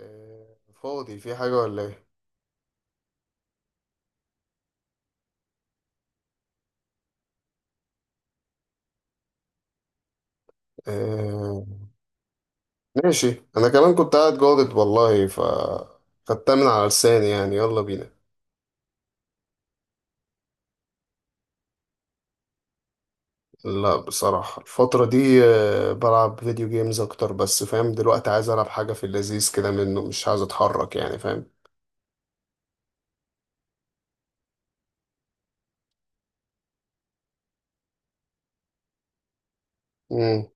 آه، فاضي في حاجة ولا ايه؟ آه، ماشي. انا كمان كنت قاعد جادد والله ف خدتها من على لساني يعني، يلا بينا. لا، بصراحة الفترة دي بلعب فيديو جيمز اكتر، بس فاهم؟ دلوقتي عايز العب حاجة في اللذيذ كده منه، مش عايز اتحرك يعني، فاهم؟ مم.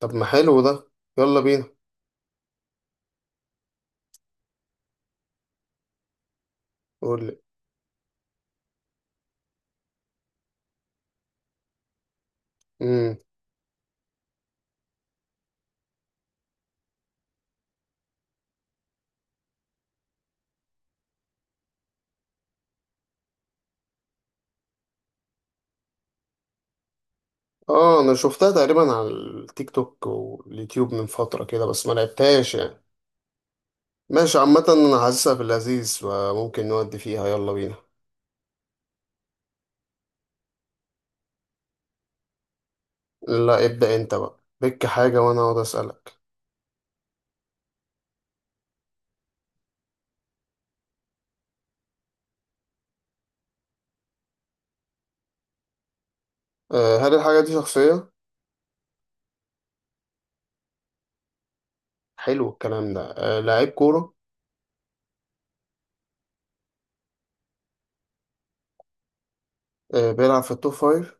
طب ما حلو ده، يلا بينا. قول لي. مم. اه، انا شفتها تقريبا على التيك توك واليوتيوب من فترة كده، بس ما لعبتهاش يعني. ماشي، عامة انا حاسسها في اللذيذ وممكن نودي فيها، يلا بينا. لا، ابدأ انت بقى بك حاجة وانا اقعد اسألك. هل الحاجة دي شخصية؟ حلو الكلام ده. لعيب كورة. بيلعب في التوب فايف.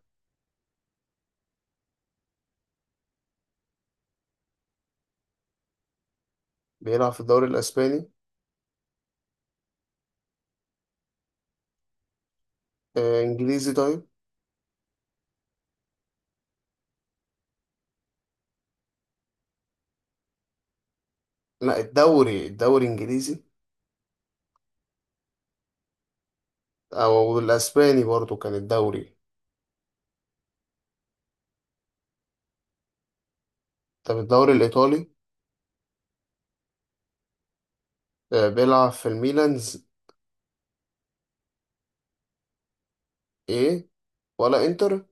بيلعب في الدوري الاسباني. انجليزي طيب؟ لا، الدوري انجليزي. او الاسباني برضو كان الدوري. طب الدوري الايطالي. بيلعب في الميلانز. ايه ولا انتر.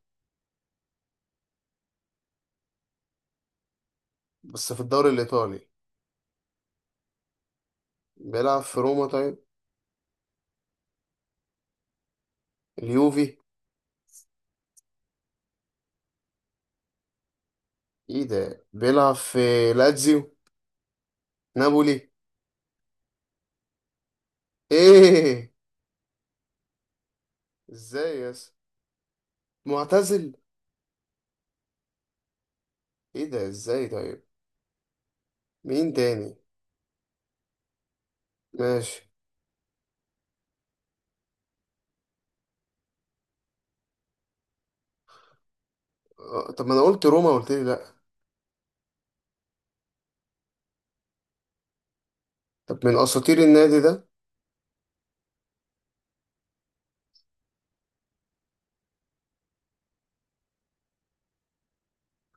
بس في الدوري الايطالي. بيلعب في روما طيب. اليوفي. ايه ده، بيلعب في لاتزيو؟ نابولي؟ ايه ازاي يا اسطى؟ معتزل؟ ايه ده، ازاي طيب؟ مين تاني؟ ماشي. طب ما انا قلت روما، قلت لي لا. طب من اساطير النادي ده؟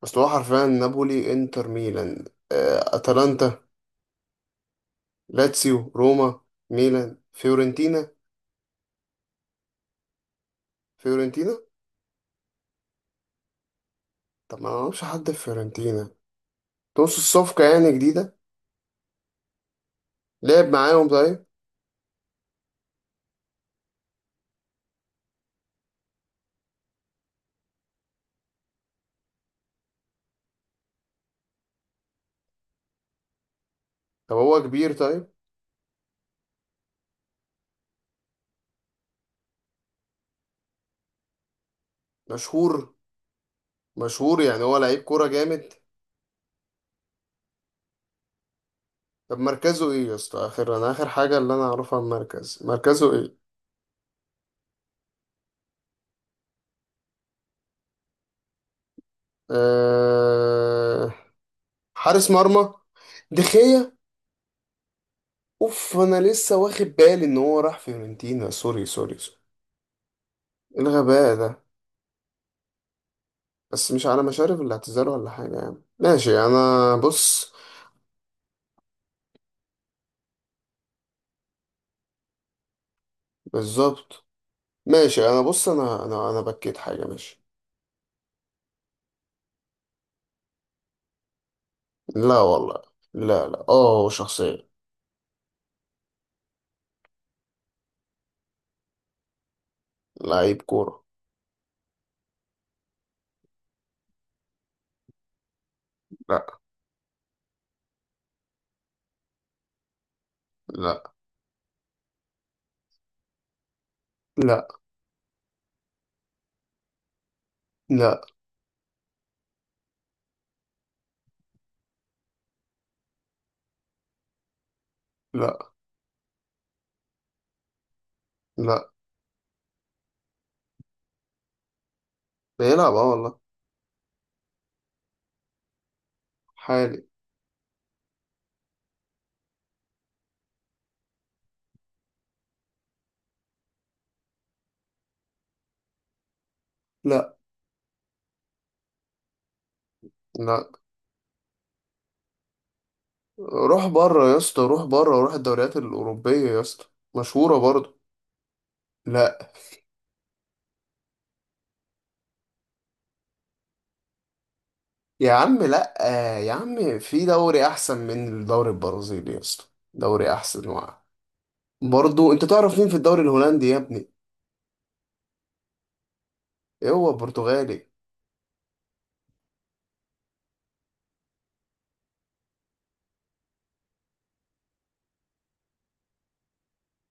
اصل هو حرفيا نابولي، انتر، ميلان، اتلانتا، لاتسيو، روما، ميلان، فيورنتينا. فيورنتينا. طب ما انا معرفش حد في فيورنتينا. تقصد الصفقة يعني جديدة. لعب معاهم طيب. طب هو كبير طيب. مشهور. مشهور يعني، هو لعيب كورة جامد. طب مركزه ايه يا اسطى؟ اخر انا اخر حاجة اللي انا اعرفها المركز، مركزه ايه؟ أه... حارس مرمى. دخية. اوف، انا لسه واخد بالي ان هو راح فيورنتينا. سوري سوري سوري. إيه الغباء ده. بس مش على مشارف الاعتذار ولا حاجة يعني، ماشي انا بص. بالظبط. ماشي انا بص، انا بكيت حاجة، ماشي. لا والله. لا لا، اه شخصية. لعيب كورة. لا. لا. لا. لا. لا. لا. بيلعب اه والله. حالي. لا. لا. روح بره يا اسطى، روح بره، روح الدوريات الأوروبية يا اسطى. مشهورة برضه. لا. يا عم. لا يا عم، في دوري أحسن من الدوري البرازيلي يا اسطى. دوري أحسن برضه. أنت تعرف مين في الدوري الهولندي يا ابني؟ إيه، هو برتغالي؟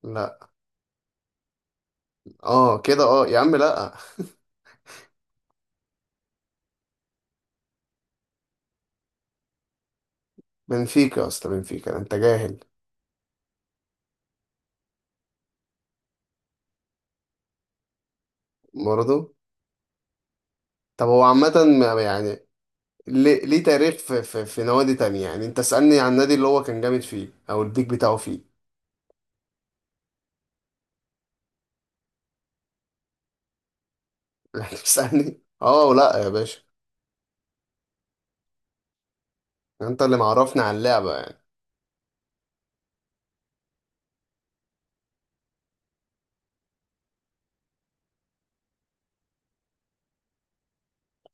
لا. اه كده، اه. يا عم لا. بنفيكا يا اسطى، بنفيكا، أنت جاهل. برضه. طب هو عامة يعني ليه؟ ليه تاريخ في نوادي تانية يعني، أنت اسألني عن النادي اللي هو كان جامد فيه أو البيك بتاعه فيه. يعني اسألني، اه لا يا باشا. انت اللي معرفني على اللعبة يعني.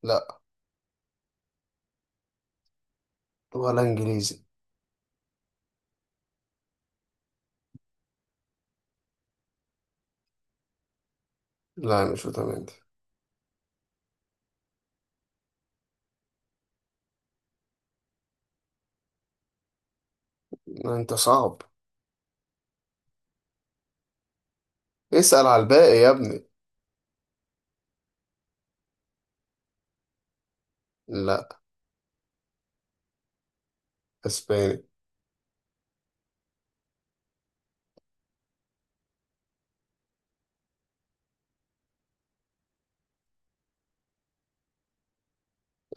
لا. ولا انجليزي. لا، مش فيتامين دي. لا، انت صعب. اسأل على الباقي يا ابني. لا. اسباني.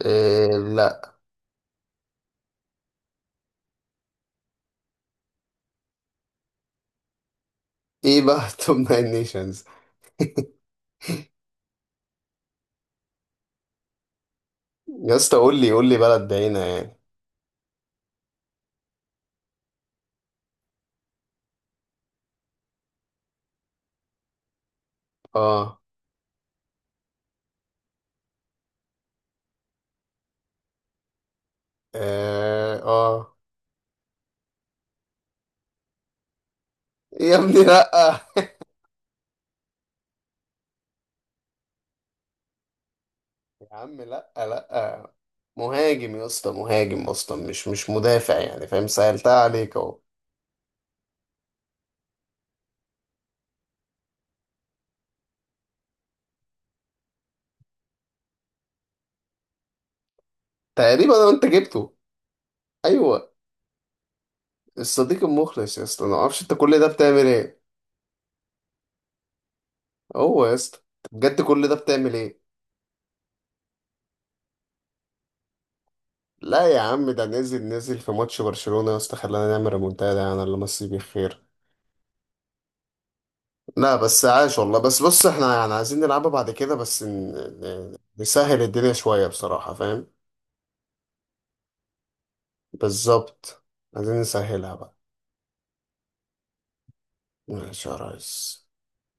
إيه. لا. ايه بقى توب ناين نيشنز. يا اسطى قول لي، قول لي بلد بعينة يعني. اه. اه. اه يا ابني لا. يا عم لا. لا، مهاجم يا اسطى، مهاجم اصلا، مش مدافع يعني، فاهم؟ سهلتها عليك اهو. تقريبا انت جبته. ايوه. الصديق المخلص. يا اسطى، انا ما اعرفش انت كل ده بتعمل ايه. هو يا اسطى. بجد كل ده بتعمل ايه؟ لا يا عم، ده نزل، نزل في ماتش برشلونة يا اسطى، خلانا نعمل ريمونتادا يعني، الله مسيه بالخير. لا بس عاش والله. بس بص، احنا يعني عايزين نلعبها بعد كده بس نسهل الدنيا شوية بصراحة، فاهم؟ بالظبط. عايزين نسهلها بقى. ماشي يا ريس.